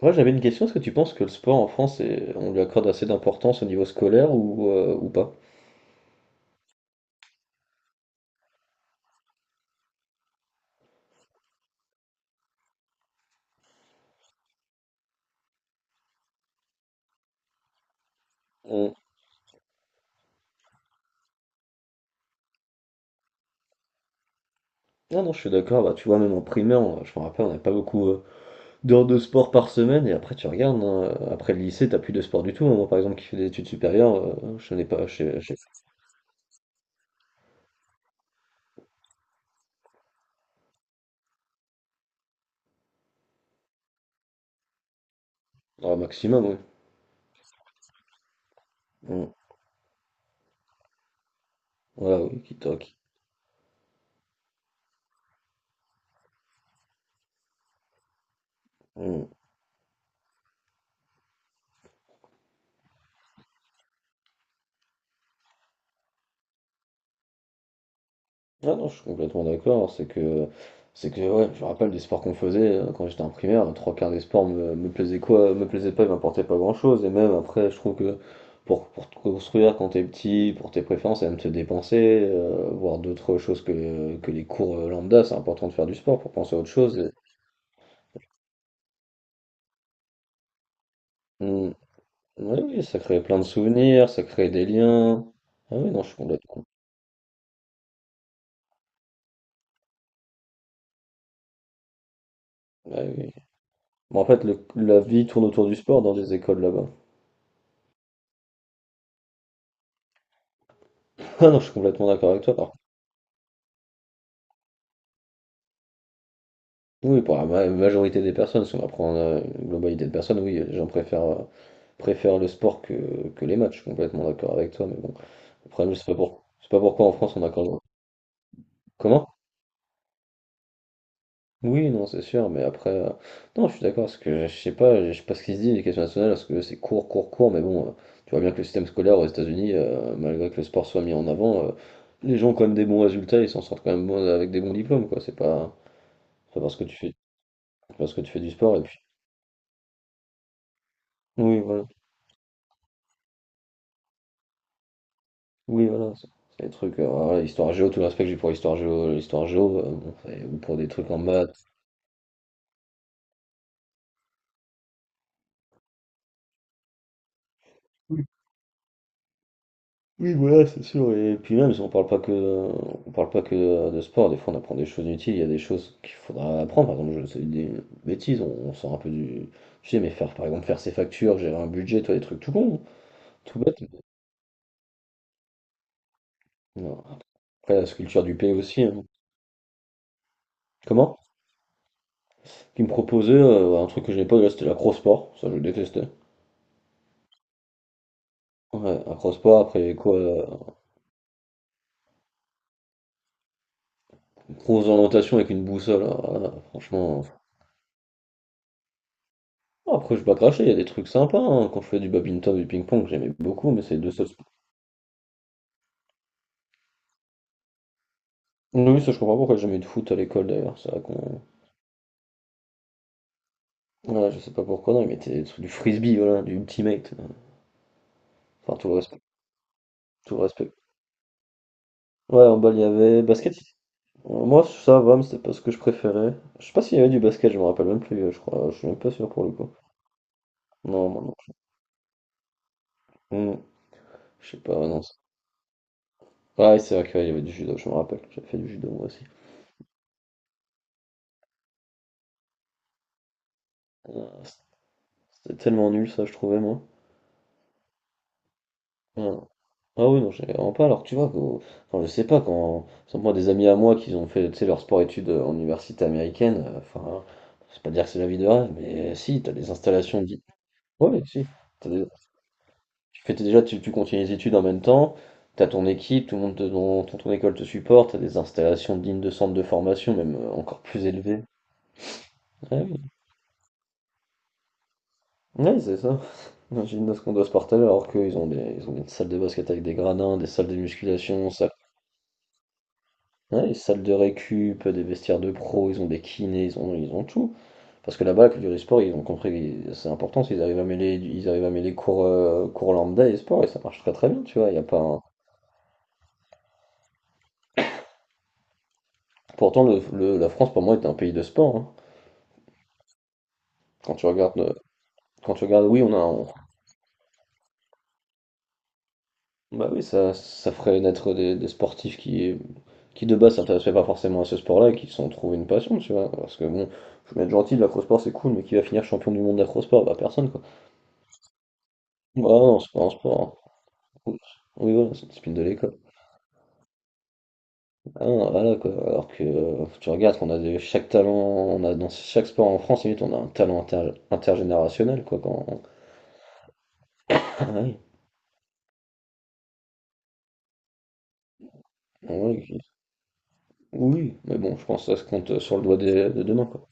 Moi, j'avais une question. Est-ce que tu penses que le sport en France, on lui accorde assez d'importance au niveau scolaire ou pas? On- Non, non, je suis d'accord. Bah, tu vois, même en primaire, je me rappelle, on n'avait pas beaucoup d'heures de sport par semaine. Et après, tu regardes, hein, après le lycée, t'as plus de sport du tout, hein. Moi, par exemple, qui fait des études supérieures, je n'ai pas, dans le maximum, oui. Mm. Voilà, oui, qui toque. Mm. Ah non, je suis complètement d'accord. C'est que ouais, je me rappelle des sports qu'on faisait quand j'étais en primaire. Trois quarts des sports me plaisaient quoi, me plaisaient pas, ils m'apportaient pas grand-chose. Et même après, je trouve que pour te construire quand t'es petit, pour tes préférences, et même te dépenser, voir d'autres choses que les cours lambda, c'est important de faire du sport pour penser à autre chose. Hmm. Ouais, oui, ça crée plein de souvenirs, ça crée des liens. Ah oui, non, je suis complètement. Ah oui. Bon, en fait, la vie tourne autour du sport dans les écoles là-bas. Ah non, je suis complètement d'accord avec toi. Par Oui, pour la majorité des personnes, si on va prendre une globalité de personnes, oui, les gens préfèrent le sport que les matchs, je suis complètement d'accord avec toi, mais bon, le problème, c'est pas pourquoi en France on a quand Comment? Oui, non, c'est sûr, mais après, non, je suis d'accord, parce que je sais pas ce qui se dit, l'éducation nationale, parce que c'est court, court, court, mais bon, tu vois bien que le système scolaire aux États-Unis, malgré que le sport soit mis en avant, les gens ont quand même des bons résultats, ils s'en sortent quand même avec des bons diplômes, quoi, c'est pas parce que tu fais, parce que tu fais du sport, et puis, oui, voilà. Oui, voilà, c'est des trucs, voilà, histoire géo, tout l'aspect que j'ai pour histoire géo, l'histoire géo, bon, ou pour des trucs en maths. Oui, oui, voilà, c'est sûr. Et puis même, si on parle pas que, on parle pas que de sport, des fois on apprend des choses utiles, il y a des choses qu'il faudra apprendre. Par exemple, je sais des bêtises, on sort un peu du, tu sais, mais faire, par exemple, faire ses factures, gérer un budget, toi, des trucs tout con, hein, tout bête. Non. Après, la sculpture du pays aussi, hein. Comment? Qui me proposait un truc que je n'ai pas, là, c'était l'acro-sport, ça je détestais. Ouais, acro-sport, après quoi? Grosse orientation avec une boussole, alors là, franchement. Bon, après, je vais pas cracher, il y a des trucs sympas, hein. Quand je fais du badminton, du ping-pong, j'aimais beaucoup, mais c'est les deux seuls sports. Oui, oui, ça, je comprends pas pourquoi j'ai jamais eu de foot à l'école d'ailleurs. C'est vrai qu'on. Voilà, je sais pas pourquoi, non, ils mettaient des du frisbee, voilà, du ultimate. Enfin, tout le respect. Tout le respect. Ouais, en bas, il y avait basket. Moi, ça va, mais c'était pas ce que je préférais. Je sais pas s'il y avait du basket, je me rappelle même plus, je crois. Je suis même pas sûr pour le coup. Non, moi non plus. Hmm, Je sais pas, non, Ouais, c'est vrai qu'il y avait du judo, je me rappelle. J'avais fait du judo moi aussi. C'était tellement nul ça, je trouvais moi. Ah, ah, oui, non, j'ai vraiment pas. Alors que tu vois, enfin, je sais pas, quand, sans moi, des amis à moi qui ont fait tu sais, leur sport-études en université américaine, enfin, hein, c'est pas dire que c'est la vie de rêve, mais si, t'as des installations. Ouais, si. T'as des- Tu fais t'es déjà, tu continues les études en même temps, t'as ton équipe, tout le monde, ton école te supporte, t'as des installations dignes de centres de formation, même encore plus élevés. Ah oui, ouais, c'est ça. Imagine ce qu'on doit se partager alors qu'ils ont des salles de basket avec des gradins, des salles de musculation. Ouais, les salles de récup, des vestiaires de pro, ils ont des kinés, ils ont tout. Parce que là-bas, la culture e-sport, ils ont compris que c'est important, ils arrivent à mêler, cours lambda et sport, et ça marche très très bien, tu vois. Il y a pas Pourtant, la France, pour moi, est un pays de sport, hein. Quand tu regardes, euh, quand tu regardes, oui, on a Bah oui, ça ferait naître des sportifs qui de base s'intéressaient pas forcément à ce sport-là et qui se sont trouvés une passion, tu vois. Parce que bon, je vais être gentil, l'acrosport c'est cool, mais qui va finir champion du monde d'acrosport? Bah personne quoi. Bah non, c'est pas un sport, hein. Oui, voilà, c'est une spin de l'école. Ah, non, voilà, quoi. Alors que tu regardes qu'on a de, chaque talent, on a dans chaque sport en France, limite, on a un talent intergénérationnel, quoi. Quand... Ah oui, oui, oui, mais bon, je pense que ça se compte sur le doigt demain, quoi.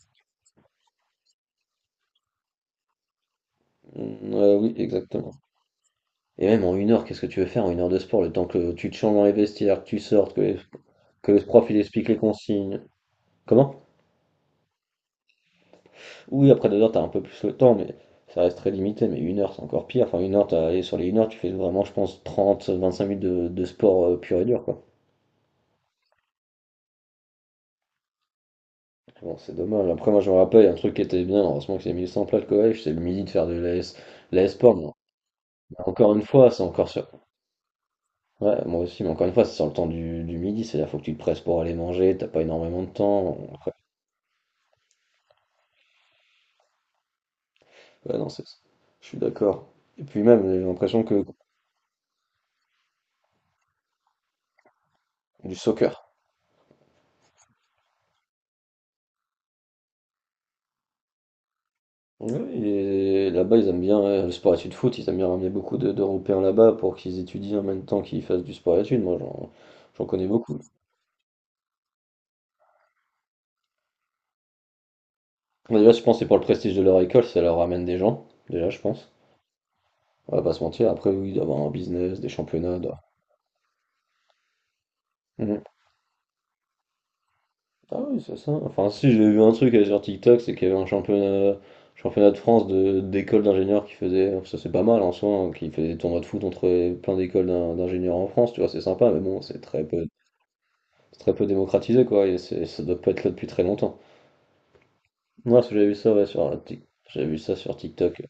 Oui, exactement. Et même en une heure, qu'est-ce que tu veux faire en une heure de sport? Le temps que tu te changes dans les vestiaires, que tu sortes, que le prof il explique les consignes. Comment? Oui, après 2 heures, t'as un peu plus le temps, mais ça reste très limité. Mais une heure, c'est encore pire. Enfin, une heure, et sur les une heure, tu fais vraiment, je pense, 30 25 minutes de sport pur et dur, quoi. Bon, c'est dommage. Après, moi, je me rappelle, un truc qui était bien, heureusement que j'ai mis ça en place le collège, c'est le midi de faire de l'AS, l'AS-sport. Mais encore une fois, c'est encore sur. Ouais, moi aussi, mais encore une fois, c'est sur le temps du midi, c'est-à-dire faut que tu te presses pour aller manger, t'as pas énormément de temps. Après, ouais, non, c'est ça. Je suis d'accord. Et puis même, j'ai l'impression que du soccer. Oui, et là-bas, ils aiment bien le sport études foot, ils aiment bien ramener beaucoup d'Européens là-bas pour qu'ils étudient en même temps qu'ils fassent du sport études. Moi, j'en connais beaucoup. Bah, déjà, je pense que c'est pour le prestige de leur école, ça leur ramène des gens, déjà, je pense. On va pas se mentir, après, oui, d'avoir un business, des championnats. Mhm. Ah oui, c'est ça. Enfin, si, j'ai vu un truc sur TikTok, c'est qu'il y avait un championnat de France de d'écoles d'ingénieurs qui faisait, ça c'est pas mal en soi, hein, qui faisait des tournois de foot entre plein d'écoles d'ingénieurs en France, tu vois, c'est sympa, mais bon, c'est très peu. C'est très peu démocratisé, quoi, et ça doit pas être là depuis très longtemps. Ouais, parce que j'avais vu ça, ouais, j'avais vu ça sur TikTok.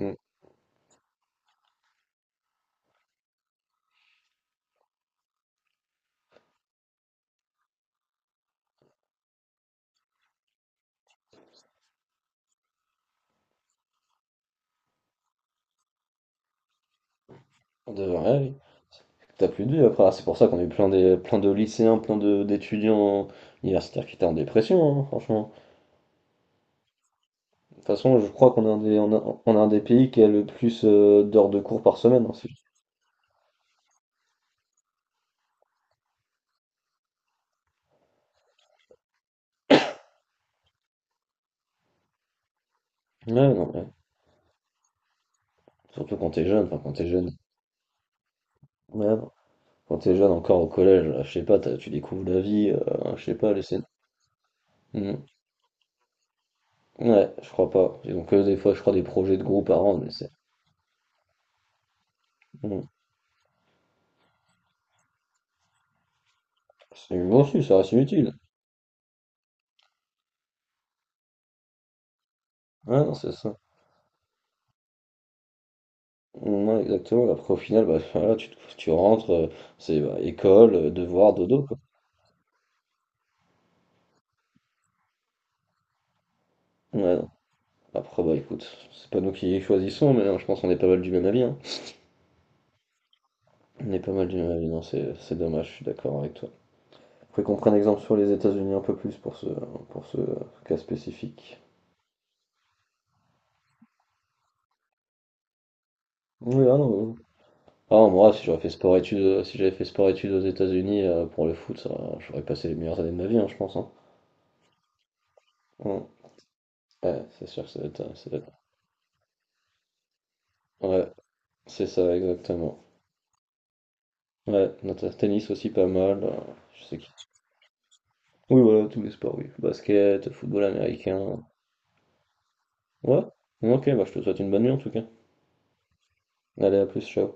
Mm. De vrai, oui. T'as plus de vie après. Ah, c'est pour ça qu'on a eu plein de, lycéens, d'étudiants universitaires qui étaient en dépression, hein, franchement. De toute façon, je crois qu'on est on a un des pays qui a le plus d'heures de cours par semaine, hein, Ouais, non, ouais. Surtout quand t'es jeune, enfin quand t'es jeune. Ouais, non. Quand t'es jeune encore au collège, je sais pas, tu découvres la vie, je sais pas, les scènes. Ouais, je crois pas. Ils ont que des fois, je crois, des projets de groupe à rendre, mais c'est. Mm. C'est bon, si, ça reste inutile. Ouais, non, c'est ça. Non, exactement. Après, au final, bah, voilà, tu rentres, c'est bah, école, devoir, dodo, quoi. Ouais, non. Après, bah écoute, c'est pas nous qui choisissons, mais hein, je pense qu'on est pas mal du même avis, hein. On est pas mal du même avis, non, c'est dommage, je suis d'accord avec toi. Faudrait qu'on prenne exemple sur les États-Unis un peu plus pour ce, pour ce euh, cas spécifique. Oui, ah non, ah, moi, si j'avais fait sport études, si j'avais fait sport études aux États-Unis pour le foot, ça, j'aurais passé les meilleures années de ma vie, hein, je pense, hein. Ouais, ouais, c'est sûr que ça doit être. Ouais, c'est ça, exactement. Ouais, notre tennis aussi pas mal. Je sais qui. Oui, voilà, tous les sports, oui. Basket, football américain. Ouais. Ok, bah, je te souhaite une bonne nuit en tout cas. Allez, à plus, ciao.